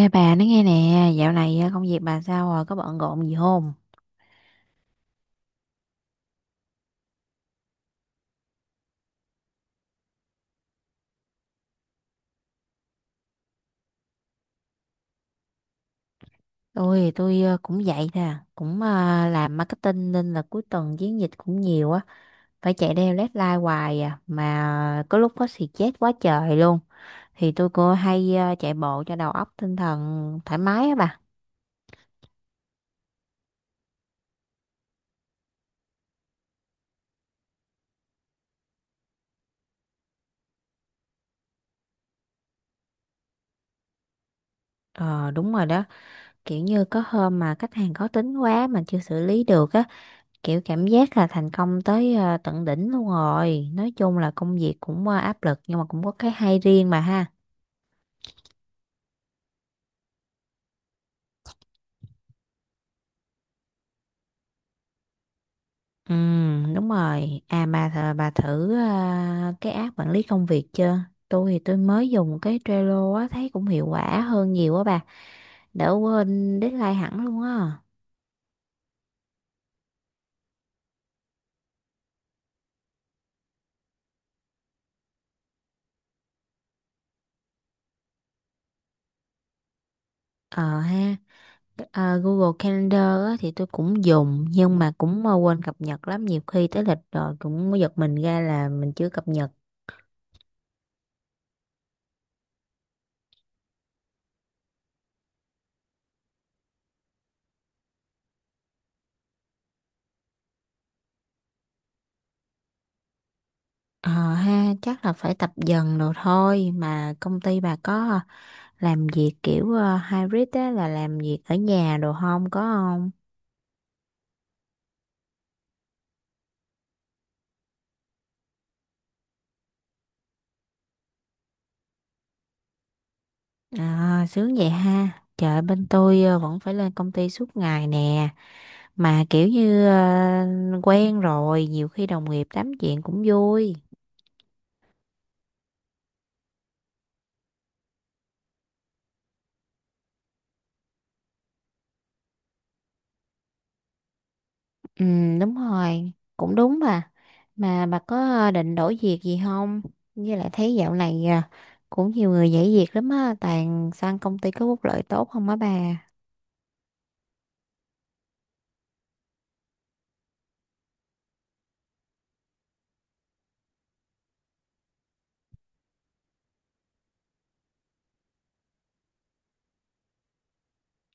Ê bà nói nghe nè, dạo này công việc bà sao rồi, có bận rộn gì không? Tôi cũng vậy nè, cũng làm marketing nên là cuối tuần chiến dịch cũng nhiều á, phải chạy theo deadline hoài à, mà có lúc có xì chết quá trời luôn. Thì tôi cô hay chạy bộ cho đầu óc tinh thần thoải mái á bà. Ờ đúng rồi đó, kiểu như có hôm mà khách hàng khó tính quá mà chưa xử lý được á, kiểu cảm giác là thành công tới tận đỉnh luôn rồi, nói chung là công việc cũng áp lực nhưng mà cũng có cái hay riêng mà ha. Ừ đúng rồi, à mà bà thử cái app quản lý công việc chưa? Tôi thì tôi mới dùng cái Trello á, thấy cũng hiệu quả hơn nhiều á bà, đỡ quên deadline hẳn luôn á. Ờ ha. Ờ, Google Calendar á, thì tôi cũng dùng nhưng mà cũng quên cập nhật lắm, nhiều khi tới lịch rồi cũng giật mình ra là mình chưa cập nhật. Ờ ha, chắc là phải tập dần rồi thôi. Mà công ty bà có làm việc kiểu hybrid á, là làm việc ở nhà đồ không có không? À, sướng vậy ha. Trời bên tôi vẫn phải lên công ty suốt ngày nè, mà kiểu như quen rồi, nhiều khi đồng nghiệp tám chuyện cũng vui. Ừ, đúng rồi, cũng đúng bà. Mà bà có định đổi việc gì không? Với lại thấy dạo này cũng nhiều người nhảy việc lắm á, toàn sang công ty có phúc lợi tốt không á bà.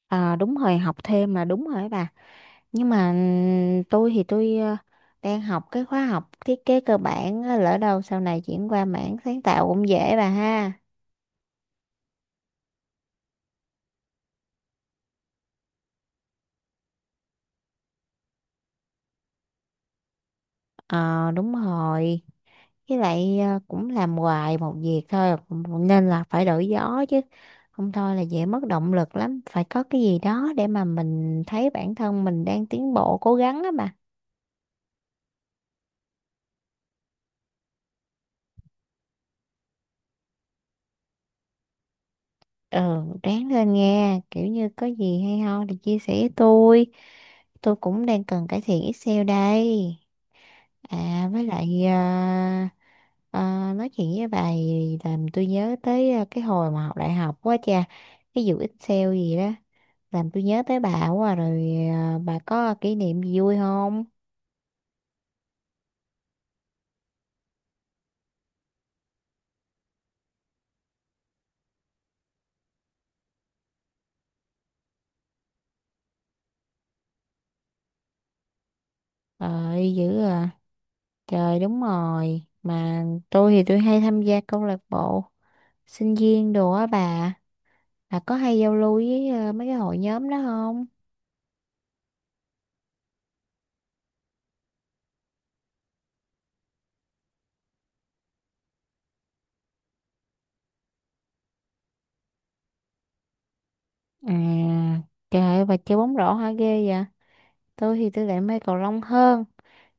À, đúng rồi, học thêm là đúng rồi á bà. Nhưng mà tôi thì tôi đang học cái khóa học thiết kế cơ bản á, lỡ đâu sau này chuyển qua mảng sáng tạo cũng dễ bà ha. Ờ đúng rồi, với lại cũng làm hoài một việc thôi cũng nên là phải đổi gió chứ, không thôi là dễ mất động lực lắm, phải có cái gì đó để mà mình thấy bản thân mình đang tiến bộ cố gắng á mà. Ừ, ráng lên nghe, kiểu như có gì hay ho thì chia sẻ với tôi cũng đang cần cải thiện Excel đây. À với lại à, à, Nói chuyện với bà thì làm tôi nhớ tới cái hồi mà học đại học quá cha, cái vụ Excel gì đó làm tôi nhớ tới bà quá à, rồi à, bà có kỷ niệm gì vui không? Trời dữ à. Trời đúng rồi. Mà tôi thì tôi hay tham gia câu lạc bộ sinh viên đồ á bà. Là có hay giao lưu với mấy cái hội nhóm đó không? À, trời, và chơi bóng rổ hả, ghê vậy? Tôi thì tôi lại mê cầu lông hơn.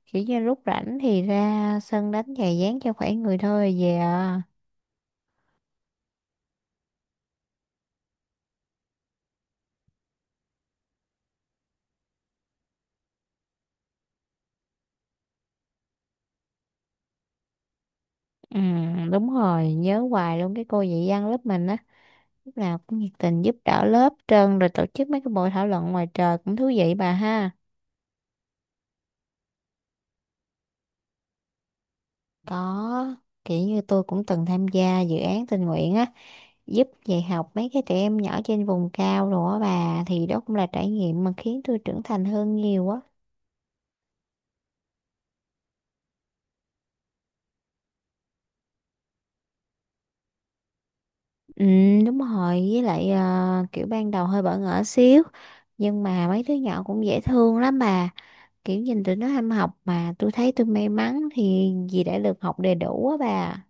Kiểu như lúc rảnh thì ra sân đánh chà dán cho khỏe người thôi về à. Ừ, đúng rồi, nhớ hoài luôn cái cô dạy văn lớp mình á. Lúc nào cũng nhiệt tình giúp đỡ lớp trơn rồi tổ chức mấy cái buổi thảo luận ngoài trời cũng thú vị bà ha. Có, kiểu như tôi cũng từng tham gia dự án tình nguyện á, giúp dạy học mấy cái trẻ em nhỏ trên vùng cao rồi á bà, thì đó cũng là trải nghiệm mà khiến tôi trưởng thành hơn nhiều á. Ừ, đúng rồi, với lại kiểu ban đầu hơi bỡ ngỡ xíu, nhưng mà mấy đứa nhỏ cũng dễ thương lắm bà, kiểu nhìn tụi nó ham học mà tôi thấy tôi may mắn thì vì đã được học đầy đủ á bà.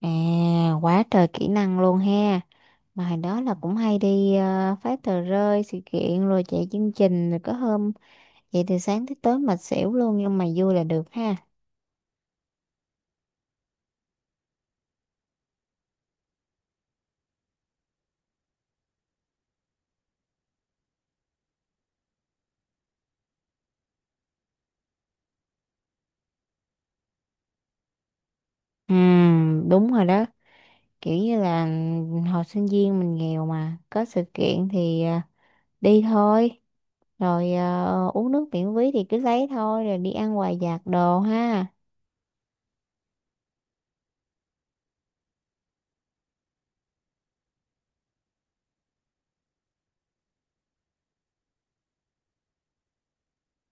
À, quá trời kỹ năng luôn ha. Mà hồi đó là cũng hay đi phát tờ rơi sự kiện rồi chạy chương trình, rồi có hôm vậy từ sáng tới tối mệt xỉu luôn, nhưng mà vui là được ha. Ừ đúng rồi đó, kiểu như là hồi sinh viên mình nghèo mà có sự kiện thì đi thôi, rồi uống nước miễn phí thì cứ lấy thôi, rồi đi ăn quà vặt đồ ha.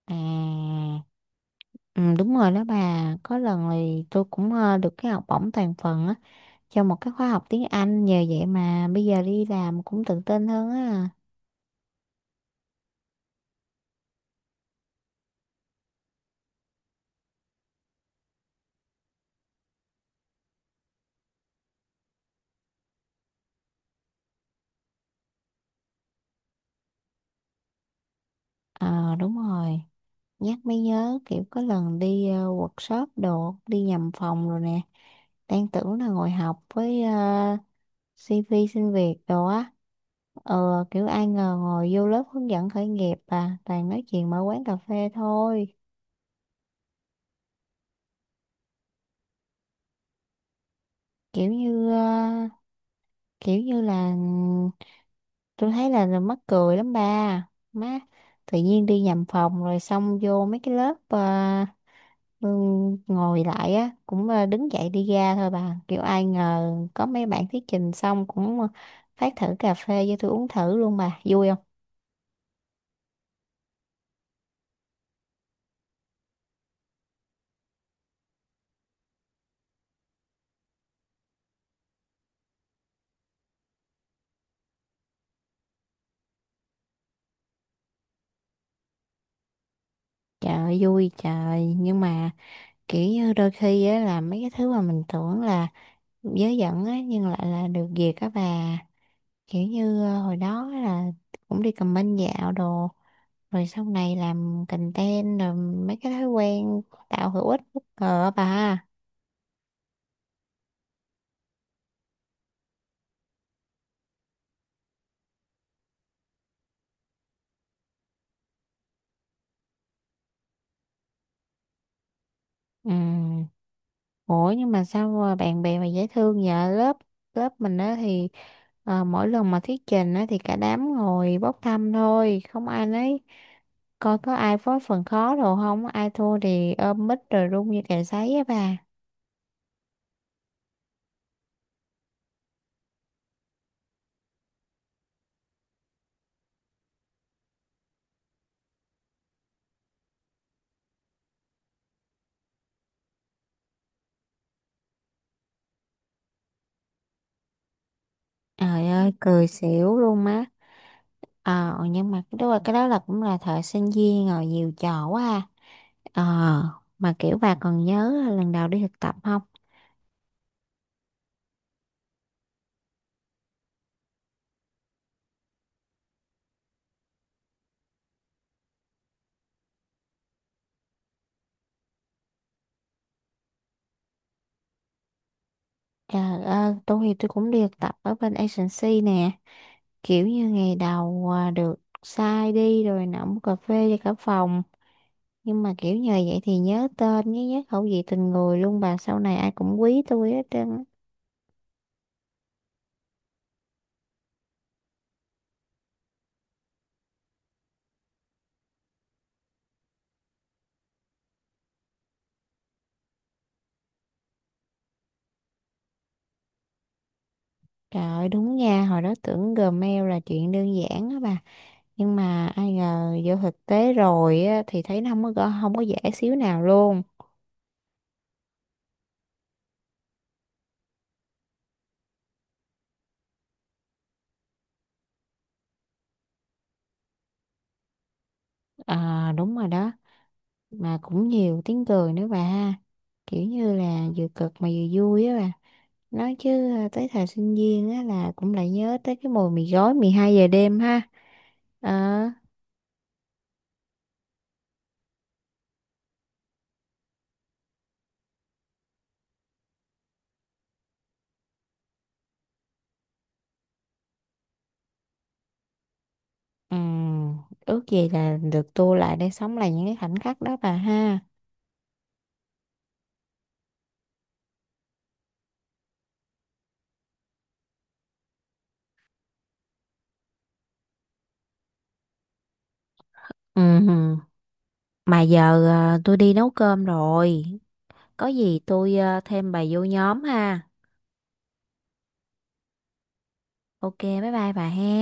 À ừ, đúng rồi đó bà, có lần thì tôi cũng được cái học bổng toàn phần á, trong một cái khóa học tiếng Anh, nhờ vậy mà bây giờ đi làm cũng tự tin hơn á. Ờ đúng rồi, nhắc mới nhớ, kiểu có lần đi workshop đồ đi nhầm phòng rồi nè, đang tưởng là ngồi học với CV xin việc đồ á, kiểu ai ngờ ngồi vô lớp hướng dẫn khởi nghiệp, à toàn nói chuyện mở quán cà phê thôi. Kiểu như ờ, kiểu như là tôi thấy là, mắc cười lắm ba má. Tự nhiên đi nhầm phòng rồi xong vô mấy cái lớp ừ, ngồi lại á, cũng đứng dậy đi ra thôi bà, kiểu ai ngờ có mấy bạn thuyết trình xong cũng phát thử cà phê cho tôi uống thử luôn bà, vui không? Trời ơi, vui trời, nhưng mà kiểu như đôi khi á là mấy cái thứ mà mình tưởng là dớ dẫn á nhưng lại là được việc á bà, kiểu như hồi đó là cũng đi comment dạo đồ, rồi sau này làm content rồi mấy cái thói quen tạo hữu ích bất ngờ á bà. Ừ. Ủa nhưng mà sao mà bạn bè mà dễ thương vậy, lớp lớp mình á thì mỗi lần mà thuyết trình á thì cả đám ngồi bốc thăm thôi, không ai nấy coi có ai có phần khó đồ không, ai thua thì ôm mic rồi run như cày sấy á bà. Trời ơi cười xỉu luôn má. Ờ, nhưng mà đúng rồi, cái đó là cũng là thời sinh viên rồi, nhiều trò quá ha. Ờ, mà kiểu bà còn nhớ là lần đầu đi thực tập không? Trời ơi, tôi thì tôi cũng đi thực tập ở bên agency nè. Kiểu như ngày đầu được sai đi rồi nóng cà phê cho cả phòng. Nhưng mà kiểu nhờ vậy thì nhớ tên, nhớ nhớ khẩu vị từng người luôn bà. Sau này ai cũng quý tôi hết trơn á. Trời ơi, đúng nha, hồi đó tưởng Gmail là chuyện đơn giản á bà, nhưng mà ai ngờ vô thực tế rồi á, thì thấy nó không có không có dễ xíu nào luôn. À, đúng rồi đó, mà cũng nhiều tiếng cười nữa bà, kiểu như là vừa cực mà vừa vui á bà, nói chứ, à, tới thời sinh viên á là cũng lại nhớ tới cái mùi mì gói 12 giờ đêm ha. ờ ừm, Ước gì là được tua lại để sống lại những cái khoảnh khắc đó bà ha. Ừ, mà giờ tôi đi nấu cơm rồi. Có gì tôi thêm bà vô nhóm ha. Ok bye bye bà he.